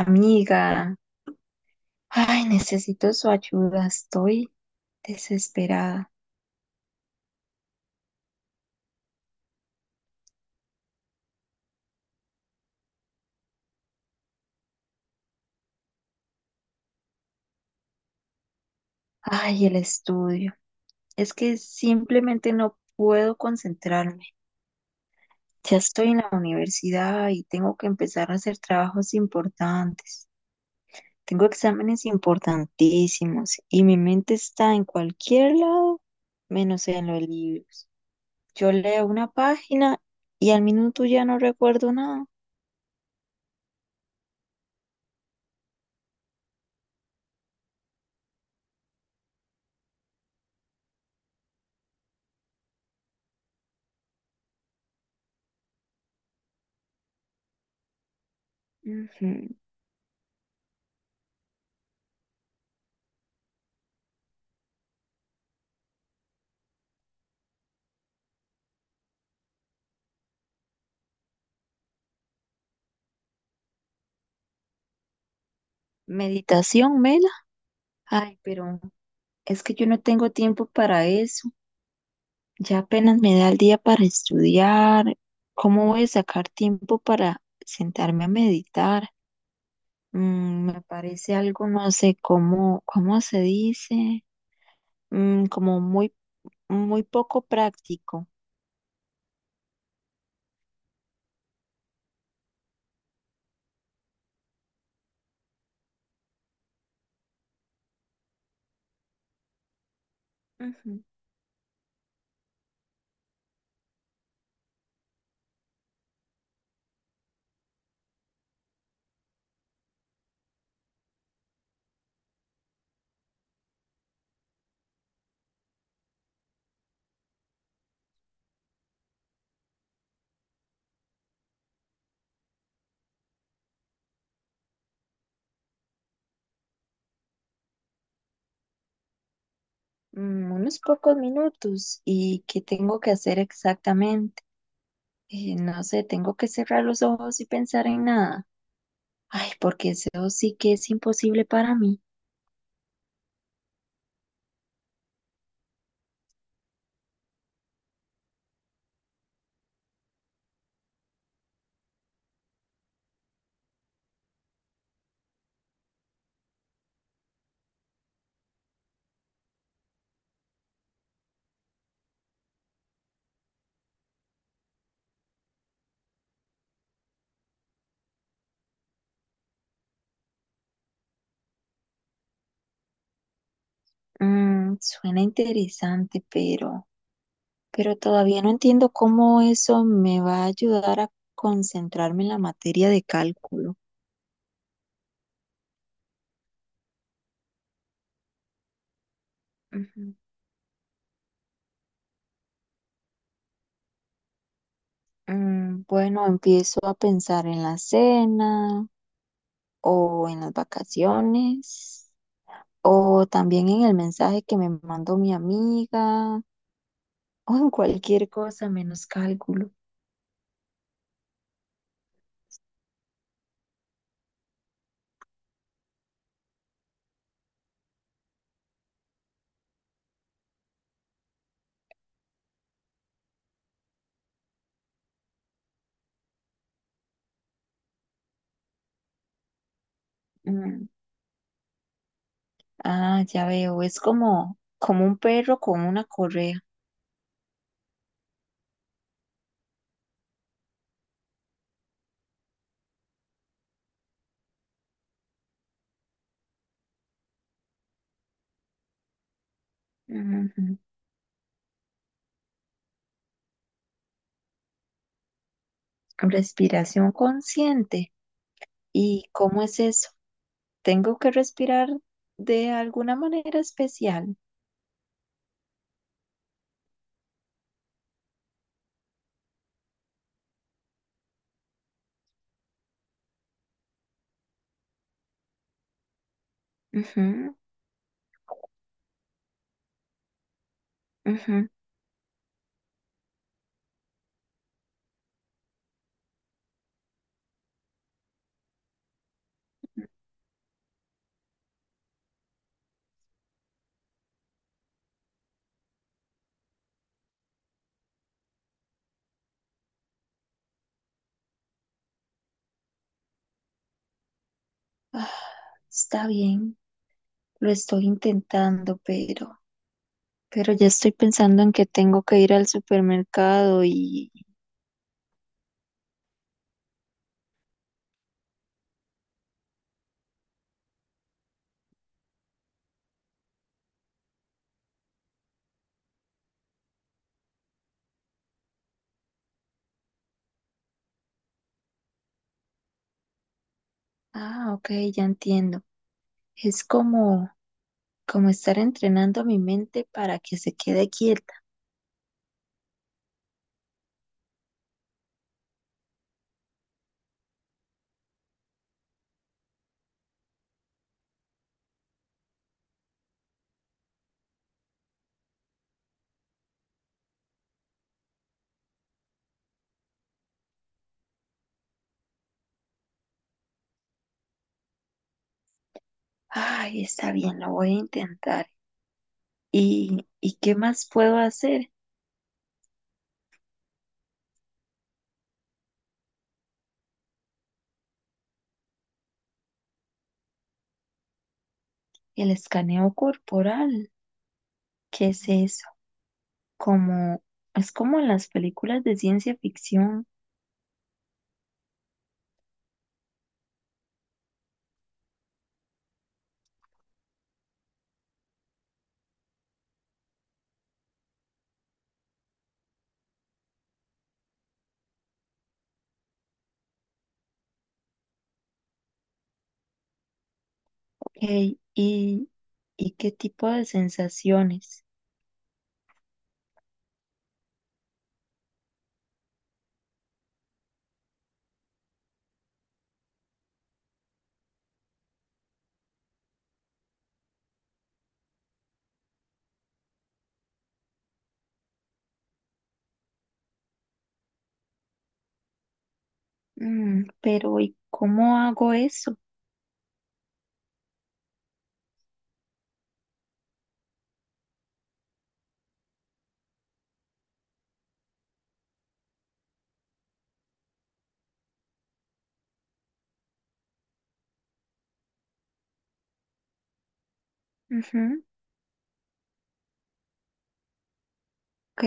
Amiga, ay, necesito su ayuda, estoy desesperada. Ay, el estudio. Es que simplemente no puedo concentrarme. Ya estoy en la universidad y tengo que empezar a hacer trabajos importantes. Tengo exámenes importantísimos y mi mente está en cualquier lado, menos en los libros. Yo leo una página y al minuto ya no recuerdo nada. Ujú. Meditación, Mela. Ay, pero es que yo no tengo tiempo para eso. Ya apenas me da el día para estudiar. ¿Cómo voy a sacar tiempo para sentarme a meditar? Me parece algo, no sé cómo se dice, como muy, muy poco práctico. Ujú. Mm, unos pocos minutos. ¿Y qué tengo que hacer exactamente? No sé, tengo que cerrar los ojos y pensar en nada. Ay, porque eso sí que es imposible para mí. Suena interesante, pero todavía no entiendo cómo eso me va a ayudar a concentrarme en la materia de cálculo. Ujú. Bueno, empiezo a pensar en la cena o en las vacaciones o también en el mensaje que me mandó mi amiga o en cualquier cosa menos cálculo. Mm, ah, ya veo, es como un perro con una correa. Respiración consciente. ¿Y cómo es eso? ¿Tengo que respirar de alguna manera especial? Ujú, ujú. Está bien, lo estoy intentando, pero ya estoy pensando en que tengo que ir al supermercado y... Ah, ok, ya entiendo. Es como estar entrenando a mi mente para que se quede quieta. Ay, está bien, lo voy a intentar. Y qué más puedo hacer? El escaneo corporal. ¿Qué es eso? Como, es como en las películas de ciencia ficción. Ok. ¿Y, y qué tipo de sensaciones? Mm, pero ¿y cómo hago eso? Ujú, ok,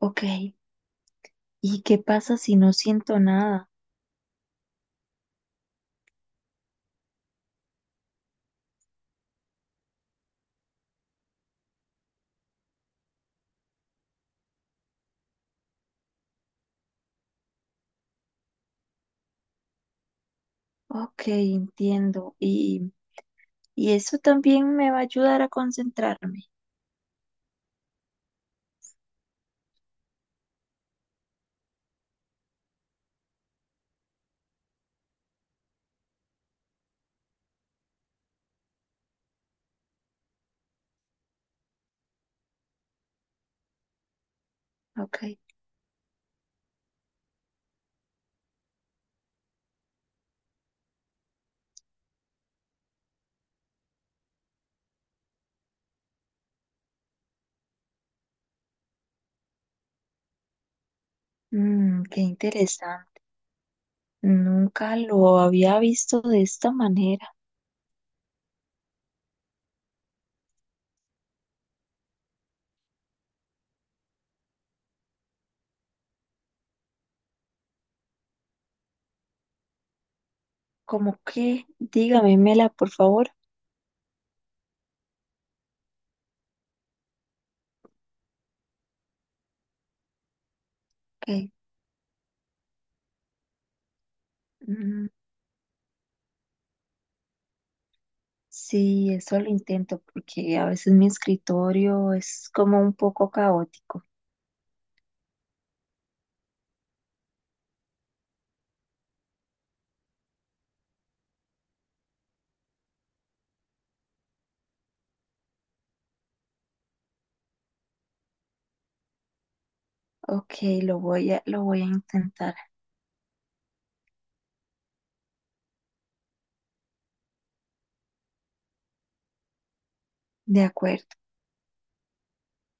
ok. ¿Y qué pasa si no siento nada? Ok, entiendo. Y eso también me va a ayudar a concentrarme. Ok. Mm, qué interesante. Nunca lo había visto de esta manera. Como que, dígamela, por favor. Ok. Mm, sí, eso lo intento porque a veces mi escritorio es como un poco caótico. Ok, lo voy a intentar. De acuerdo.